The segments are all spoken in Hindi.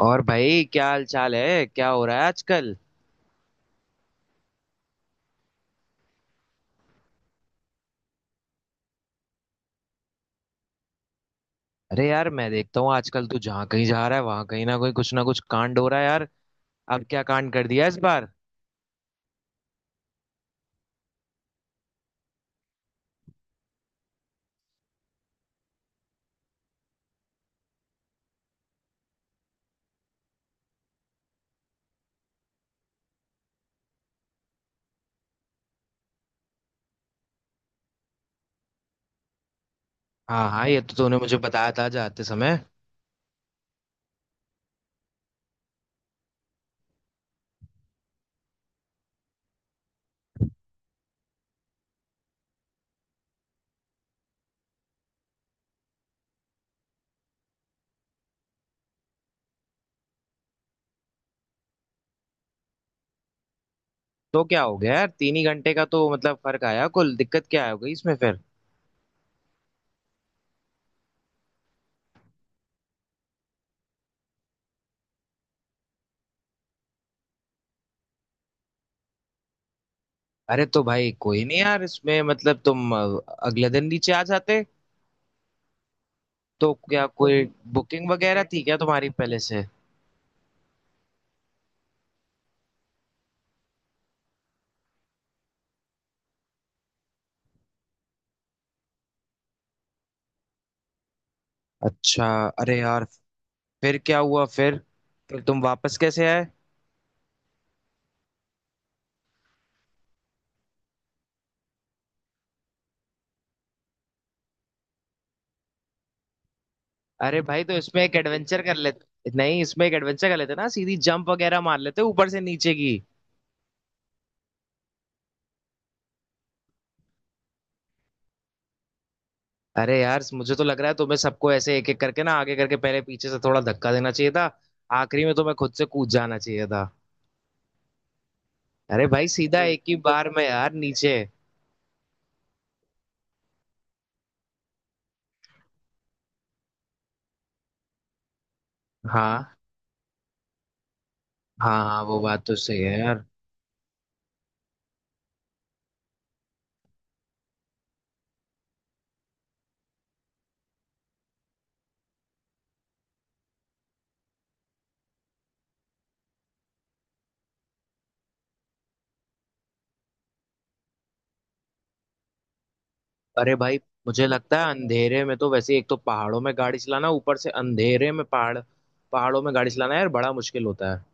और भाई, क्या हाल चाल है? क्या हो रहा है आजकल? अरे यार, मैं देखता हूँ आजकल तू जहाँ कहीं जा रहा है, वहां कहीं ना कहीं कुछ ना कुछ कांड हो रहा है यार। अब क्या कांड कर दिया इस बार? हाँ हाँ, ये तो तूने मुझे बताया था जाते समय। तो क्या हो गया यार? तीन ही घंटे का तो मतलब फर्क आया। कुल दिक्कत क्या हो गई इसमें फिर? अरे तो भाई, कोई नहीं यार, इसमें मतलब तुम अगले दिन नीचे आ जाते। तो क्या कोई बुकिंग वगैरह थी क्या तुम्हारी पहले से? अच्छा। अरे यार, फिर क्या हुआ? फिर तुम वापस कैसे आए? अरे भाई, तो इसमें एक एडवेंचर कर लेते, नहीं, इसमें एक एडवेंचर कर लेते ना, सीधी जंप वगैरह मार लेते ऊपर से नीचे की। अरे यार, मुझे तो लग रहा है तुम्हें सबको ऐसे एक एक करके ना आगे करके, पहले पीछे से थोड़ा धक्का देना चाहिए था। आखिरी में तुम्हें खुद से कूद जाना चाहिए था। अरे भाई, सीधा एक ही बिल्कुल बार में यार नीचे। हाँ हाँ हाँ, वो बात तो सही है यार। अरे भाई, मुझे लगता है अंधेरे में तो वैसे, एक तो पहाड़ों में गाड़ी चलाना, ऊपर से अंधेरे में पहाड़, पहाड़ों में गाड़ी चलाना यार बड़ा मुश्किल होता है।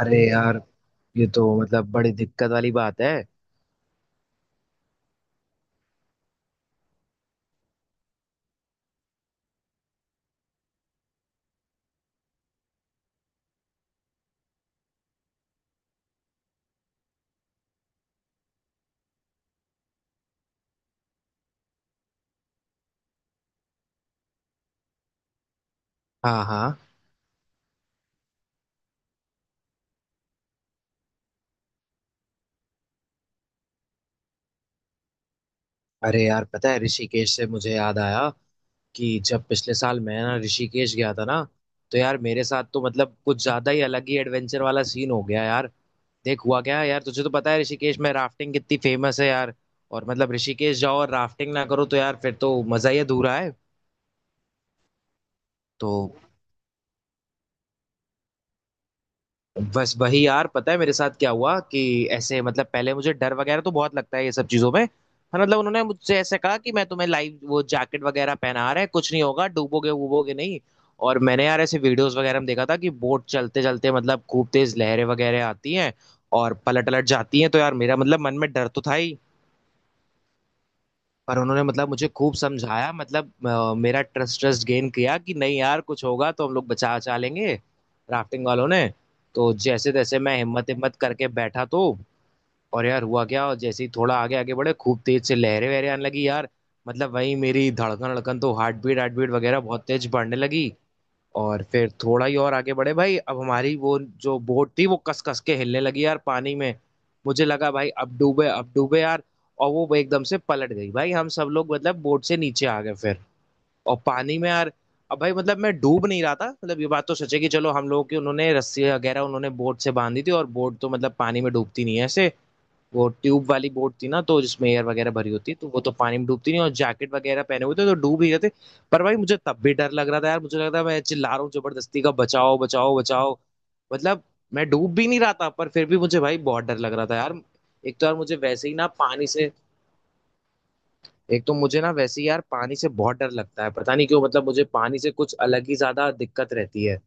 अरे यार, ये तो मतलब बड़ी दिक्कत वाली बात है। हाँ हाँ। अरे यार, पता है, ऋषिकेश से मुझे याद आया कि जब पिछले साल मैं ना ऋषिकेश गया था ना, तो यार मेरे साथ तो मतलब कुछ ज्यादा ही अलग ही एडवेंचर वाला सीन हो गया यार। देख, हुआ क्या है यार, तुझे तो पता है ऋषिकेश में राफ्टिंग कितनी फेमस है यार। और मतलब ऋषिकेश जाओ और राफ्टिंग ना करो तो यार फिर तो मजा ही अधूरा है। तो बस वही यार, पता है मेरे साथ क्या हुआ कि ऐसे मतलब पहले मुझे डर वगैरह तो बहुत लगता है ये सब चीजों में। हाँ, मतलब उन्होंने मुझसे ऐसे कहा कि मैं तुम्हें लाइव वो जैकेट वगैरह पहना रहे हैं, कुछ नहीं होगा, डूबोगे वूबोगे नहीं। और मैंने यार ऐसे वीडियोस वगैरह में देखा था कि बोट चलते चलते मतलब खूब तेज लहरें वगैरह आती हैं और पलट पलट जाती हैं। तो यार मेरा मतलब मन में डर तो था ही। पर उन्होंने मतलब मुझे खूब समझाया, मतलब मेरा ट्रस्ट ट्रस्ट गेन किया कि नहीं यार, कुछ होगा तो हम लोग बचा बचा लेंगे, राफ्टिंग वालों ने। तो जैसे तैसे मैं हिम्मत हिम्मत करके बैठा तो। और यार हुआ क्या, और जैसे ही थोड़ा आगे आगे बढ़े, खूब तेज से लहरें वहरें आने लगी यार। मतलब वही, मेरी धड़कन धड़कन तो, हार्ट बीट वगैरह बहुत तेज बढ़ने लगी। और फिर थोड़ा ही और आगे बढ़े भाई, अब हमारी वो जो बोट थी वो कस कस के हिलने लगी यार पानी में। मुझे लगा भाई, अब डूबे यार। और वो एकदम से पलट गई भाई, हम सब लोग मतलब बोट से नीचे आ गए फिर, और पानी में यार। अब भाई मतलब मैं डूब नहीं रहा था। मतलब ये बात तो सच है कि चलो, हम लोगों की उन्होंने रस्सी वगैरह उन्होंने बोट से बांधी थी, और बोट तो मतलब पानी में डूबती नहीं है ऐसे। वो ट्यूब वाली बोट थी ना, तो जिसमें एयर वगैरह भरी होती है तो वो तो पानी में डूबती नहीं, और जैकेट वगैरह पहने हुए थे तो डूब ही गए थे। पर भाई मुझे तब भी डर लग रहा था यार, मुझे लग रहा था मैं चिल्ला रहा हूँ जबरदस्ती का, बचाओ बचाओ बचाओ। मतलब, मैं डूब भी नहीं रहा था पर फिर भी मुझे भाई बहुत डर लग रहा था यार। एक तो यार मुझे वैसे ही ना पानी से, एक तो मुझे ना वैसे ही यार पानी से बहुत डर लगता है, पता नहीं क्यों। मतलब मुझे पानी से कुछ अलग ही ज्यादा दिक्कत रहती है।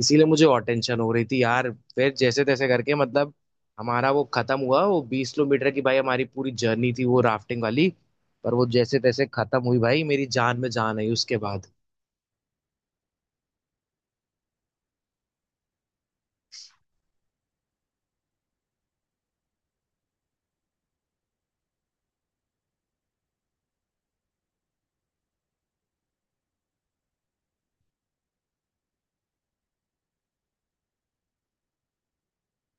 इसीलिए मुझे और टेंशन हो रही थी यार। फिर जैसे तैसे करके मतलब हमारा वो खत्म हुआ। वो 20 किलोमीटर की भाई हमारी पूरी जर्नी थी वो राफ्टिंग वाली। पर वो जैसे तैसे खत्म हुई भाई, मेरी जान में जान आई उसके बाद।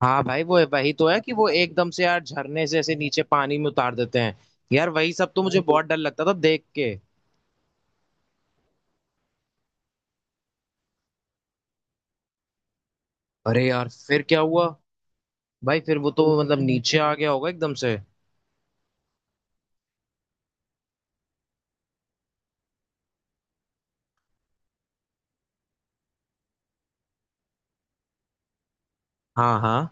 हाँ भाई, वो वही तो है कि वो एकदम से यार झरने से ऐसे नीचे पानी में उतार देते हैं। यार वही सब तो मुझे बहुत डर लगता था देख के। अरे यार फिर क्या हुआ? भाई फिर वो तो मतलब नीचे आ गया होगा एकदम से। हाँ हाँ।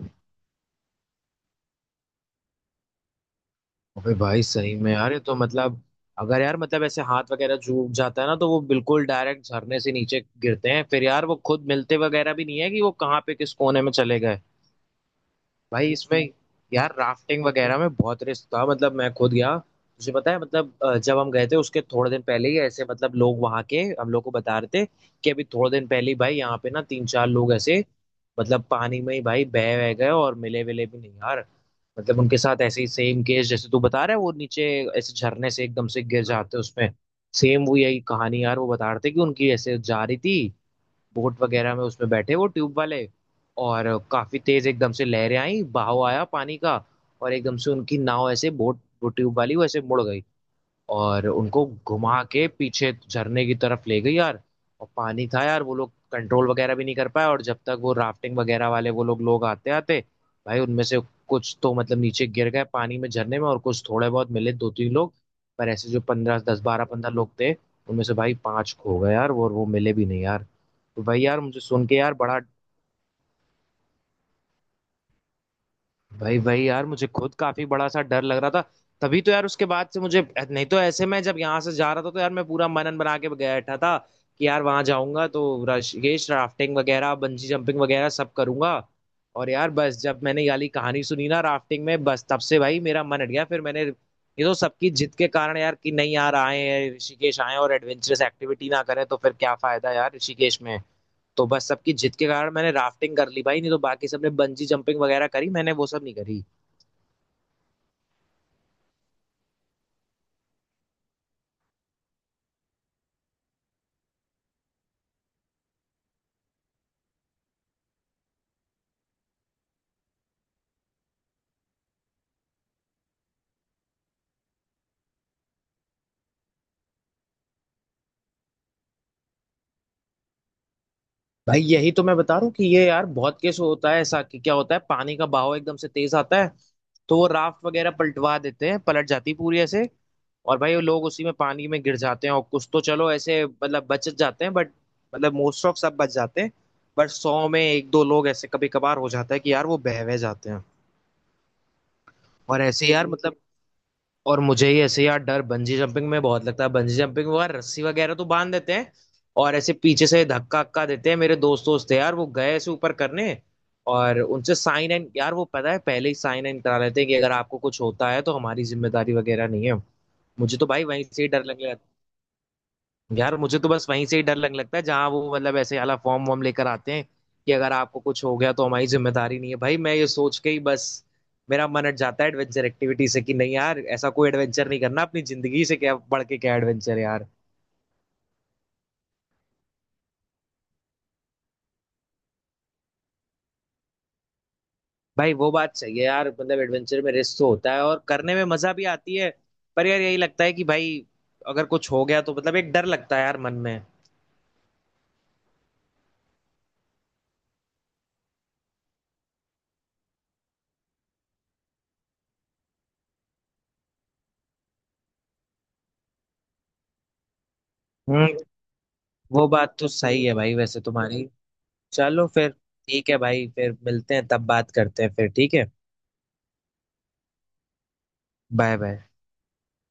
अबे भाई सही में यार, ये तो मतलब, अगर यार मतलब ऐसे हाथ वगैरह चूक जाता है ना, तो वो बिल्कुल डायरेक्ट झरने से नीचे गिरते हैं फिर यार, वो खुद मिलते वगैरह भी नहीं है कि वो कहाँ पे किस कोने में चले गए। भाई इसमें यार राफ्टिंग वगैरह में बहुत रिस्क था। मतलब मैं खुद गया तुझे पता है, मतलब जब हम गए थे उसके थोड़े दिन पहले ही ऐसे मतलब लोग वहां के हम लोग को बता रहे थे कि अभी थोड़े दिन पहले ही भाई यहाँ पे ना तीन चार लोग ऐसे मतलब पानी में ही भाई बह बह गए और मिले विले भी नहीं यार। मतलब उनके साथ ऐसे ही सेम केस, जैसे तू बता रहा है, वो नीचे ऐसे झरने से एकदम से गिर जाते हैं उसमें। सेम वो यही कहानी यार वो बता रहे थे कि उनकी ऐसे जा रही थी बोट वगैरह में, उसमें बैठे वो ट्यूब वाले, और काफी तेज एकदम से लहरें आई, बहाव आया पानी का, और एकदम से उनकी नाव ऐसे, बोट, वो ट्यूब वाली वैसे मुड़ गई, और उनको घुमा के पीछे झरने की तरफ ले गई यार। और पानी था यार, वो लोग कंट्रोल वगैरह भी नहीं कर पाए, और जब तक वो राफ्टिंग वगैरह वाले वो लोग लोग आते आते, भाई उनमें से कुछ तो मतलब नीचे गिर गए पानी में, झरने में, और कुछ थोड़े बहुत मिले, दो तीन लोग। पर ऐसे जो 15 10 12 15 लोग थे, उनमें से भाई पांच खो गए यार, और वो मिले भी नहीं यार। तो भाई यार मुझे सुन के यार बड़ा, भाई भाई यार मुझे खुद काफी बड़ा सा डर लग रहा था। तभी तो यार उसके बाद से मुझे, नहीं तो ऐसे में जब यहाँ से जा रहा था तो यार मैं पूरा मनन बना के बैठा था कि यार वहां जाऊंगा तो ये राफ्टिंग वगैरह, बंजी जंपिंग वगैरह सब करूंगा। और यार बस जब मैंने ये वाली कहानी सुनी ना राफ्टिंग में, बस तब से भाई मेरा मन हट गया। फिर मैंने ये तो सबकी जिद के कारण यार, कि नहीं यार, आए ऋषिकेश आए और एडवेंचरस एक्टिविटी ना करें तो फिर क्या फायदा यार ऋषिकेश में। तो बस सबकी जिद के कारण मैंने राफ्टिंग कर ली भाई, नहीं तो बाकी सबने बंजी जंपिंग वगैरह करी, मैंने वो सब नहीं करी। भाई यही तो मैं बता रहा हूँ कि ये यार बहुत केस होता है ऐसा, कि क्या होता है, पानी का बहाव एकदम से तेज आता है, तो वो राफ्ट वगैरह पलटवा देते हैं, पलट जाती है पूरी ऐसे, और भाई वो लोग उसी में पानी में गिर जाते हैं। और कुछ तो चलो ऐसे मतलब बच जाते हैं, बट मतलब मोस्ट ऑफ सब बच जाते हैं, बट 100 में एक दो लोग ऐसे कभी कभार हो जाता है कि यार वो बह बह जाते हैं। और ऐसे यार मतलब, और मुझे ही ऐसे यार डर बंजी जंपिंग में बहुत लगता है। बंजी जंपिंग में यार रस्सी वगैरह तो बांध देते हैं, और ऐसे पीछे से धक्का अक्का देते हैं। मेरे दोस्त दोस्त थे यार, वो गए ऐसे ऊपर करने, और उनसे साइन इन यार, वो पता है पहले ही साइन इन करा लेते हैं कि अगर आपको कुछ होता है तो हमारी जिम्मेदारी वगैरह नहीं है। मुझे तो भाई वहीं से ही डर लगने लगता है। यार मुझे तो बस वहीं से ही डर लगने लगता है, जहां वो मतलब ऐसे वाला फॉर्म वॉर्म लेकर आते हैं कि अगर आपको कुछ हो गया तो हमारी जिम्मेदारी नहीं है। भाई मैं ये सोच के ही बस मेरा मन हट जाता है एडवेंचर एक्टिविटी से, कि नहीं यार, ऐसा कोई एडवेंचर नहीं करना। अपनी जिंदगी से क्या बढ़ के क्या एडवेंचर यार। भाई वो बात सही है यार, मतलब एडवेंचर में रिस्क तो होता है और करने में मजा भी आती है, पर यार यही लगता है कि भाई अगर कुछ हो गया तो मतलब एक डर लगता है यार मन में। हम्म, वो बात तो सही है भाई वैसे तुम्हारी। चलो फिर, ठीक है भाई, फिर मिलते हैं, तब बात करते हैं फिर, ठीक है? Bye bye.